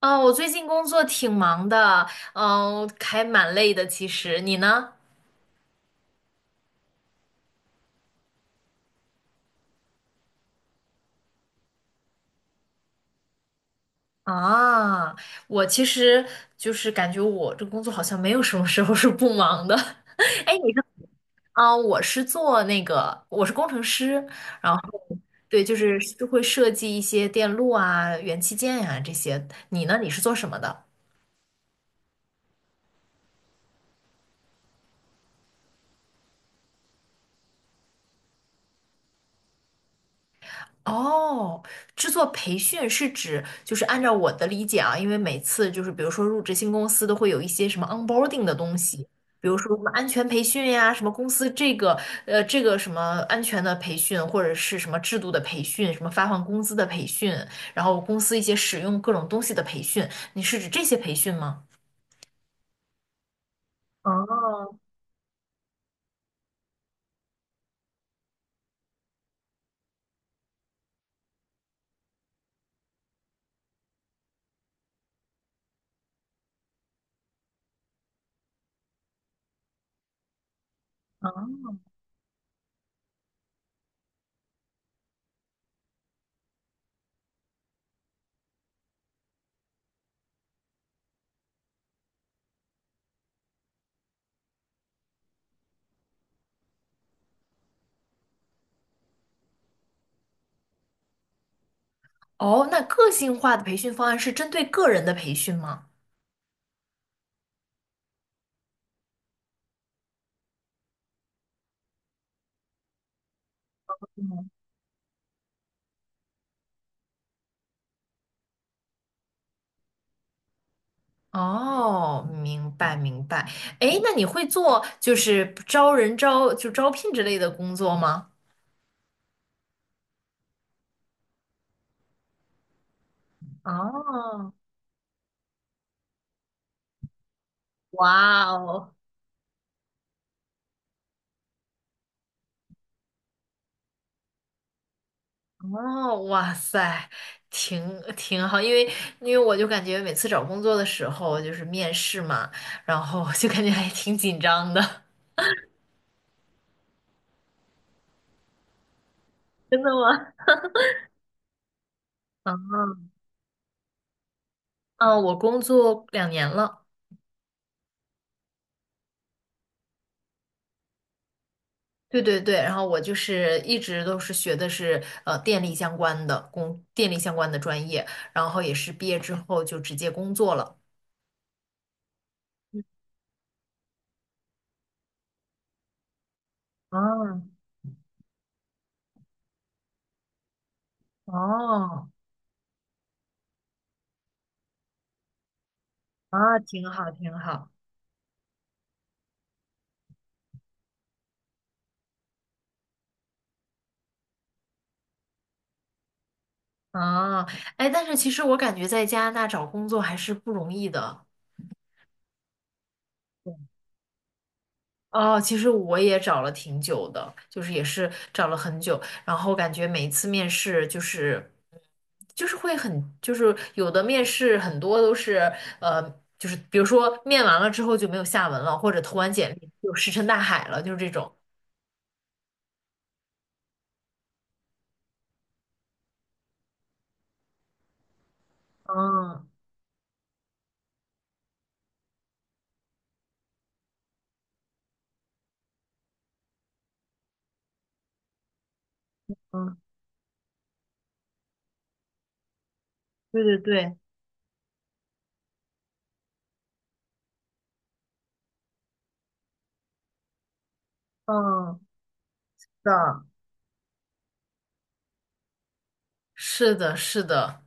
嗯，我最近工作挺忙的，还蛮累的。其实你呢？啊，我其实感觉我这工作好像没有什么时候是不忙的。哎，你是啊，我是做那个，我是工程师，然后对，就是会设计一些电路啊、元器件呀、这些。你呢？你是做什么的？哦，制作培训是指就是按照我的理解啊，因为每次就是比如说入职新公司都会有一些什么 onboarding 的东西，比如说什么安全培训呀，什么公司这个这个什么安全的培训，或者是什么制度的培训，什么发放工资的培训，然后公司一些使用各种东西的培训，你是指这些培训吗？哦，哦，那个性化的培训方案是针对个人的培训吗？哦，明白明白。哎，那你会做就是招人招就招聘之类的工作吗？哦，哇哦，哦，哇塞，挺好，因为我就感觉每次找工作的时候就是面试嘛，然后就感觉还挺紧张的。真的吗？啊，我工作2年了。对。然后我就是一直都是学的是电力相关的电力相关的专业，然后也是毕业之后就直接工作了。啊，哦，啊，挺好，挺好。啊，哎，但是其实我感觉在加拿大找工作还是不容易的。哦，其实我也找了挺久的，就是也是找了很久，然后感觉每一次面试就是，就是会很，就是有的面试很多都是，呃，就是比如说面完了之后就没有下文了，或者投完简历就石沉大海了，就是这种。嗯嗯，对对对，嗯，是的。是的，是的，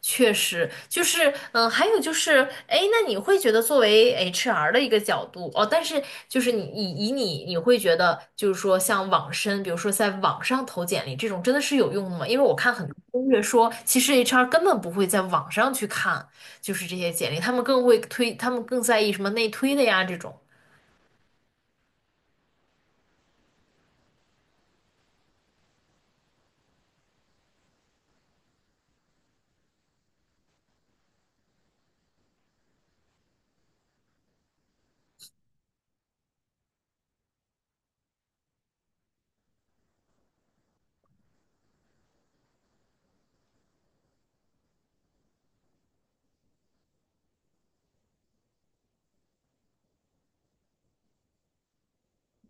确实就是，还有就是，哎，那你会觉得作为 HR 的一个角度，哦，但是就是你以以你你会觉得，就是说像网申，比如说在网上投简历这种，真的是有用的吗？因为我看很多攻略说，其实 HR 根本不会在网上去看，就是这些简历，他们更会推，他们更在意什么内推的呀这种。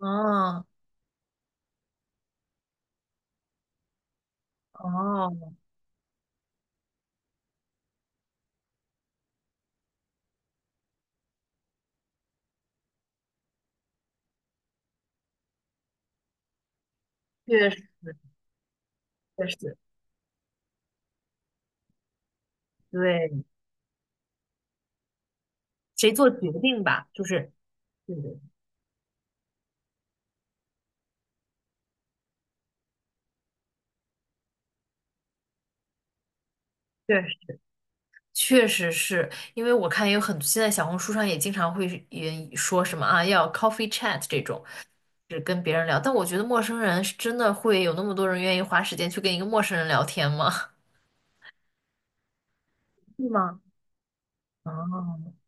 哦哦，确实确实，对，谁做决定吧，就是对对。确实确实是因为我看也有很，现在小红书上也经常会也说什么啊，要 coffee chat 这种，是跟别人聊。但我觉得陌生人是真的会有那么多人愿意花时间去跟一个陌生人聊天吗？是吗？哦，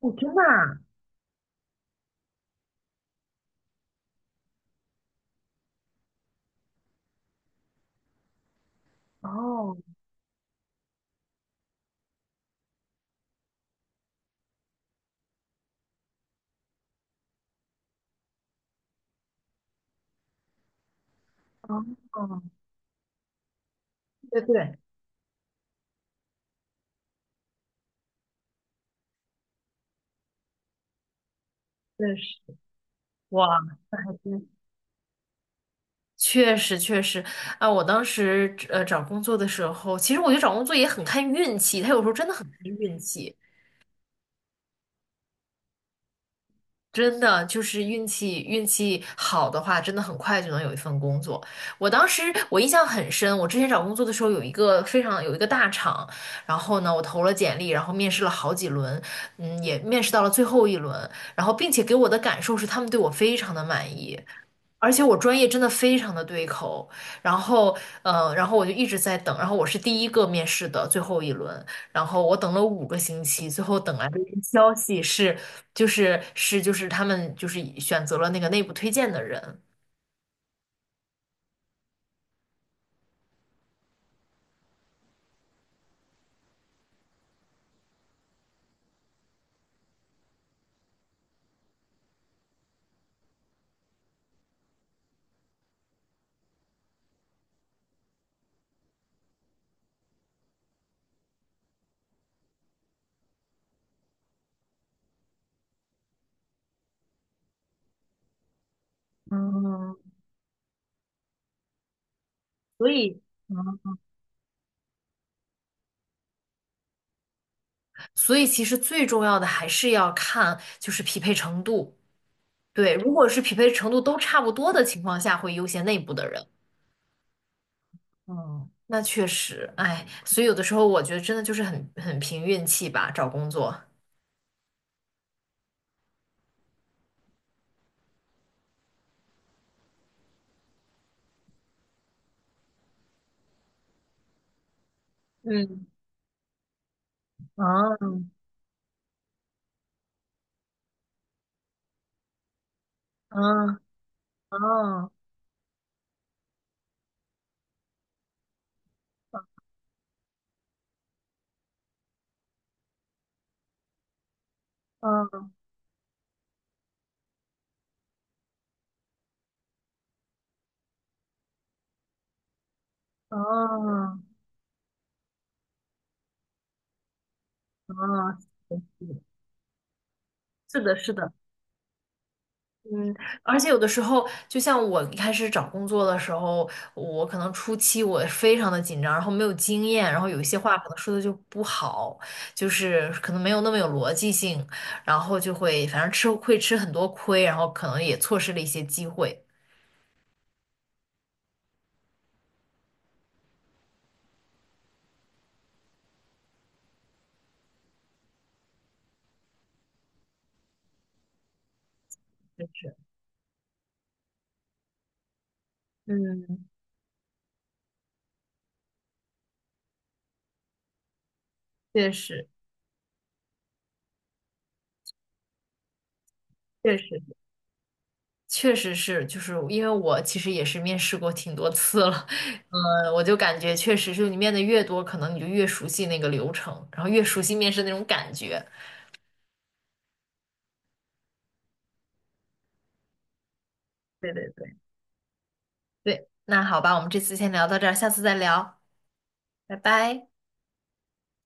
哦，真的啊？哦，哦，哦，对对，对是，哇，那还真。确实确实，啊，我当时找工作的时候，其实我觉得找工作也很看运气，他有时候真的很看运气。真的就是运气，运气好的话，真的很快就能有一份工作。我当时我印象很深，我之前找工作的时候有一个非常有一个大厂，然后呢，我投了简历，然后面试了好几轮，嗯，也面试到了最后一轮，然后并且给我的感受是他们对我非常的满意，而且我专业真的非常的对口，然后然后我就一直在等，然后我是第一个面试的最后一轮，然后我等了5个星期，最后等来的一个消息是，他们就是选择了那个内部推荐的人，嗯，所以，嗯，所以其实最重要的还是要看就是匹配程度。对，如果是匹配程度都差不多的情况下，会优先内部的人。嗯，那确实，哎，所以有的时候我觉得真的就是很凭运气吧，找工作。嗯，嗯，嗯，嗯，嗯，嗯。啊，是的，是的，嗯，而且有的时候，就像我一开始找工作的时候，我可能初期我非常的紧张，然后没有经验，然后有一些话可能说的就不好，就是可能没有那么有逻辑性，然后就会反正吃很多亏，然后可能也错失了一些机会。就是，嗯，确实，确实。确实是，就是因为我其实也是面试过挺多次了，嗯，我就感觉确实是你面的越多，可能你就越熟悉那个流程，然后越熟悉面试那种感觉。对对对，对，那好吧，我们这次先聊到这儿，下次再聊，拜拜。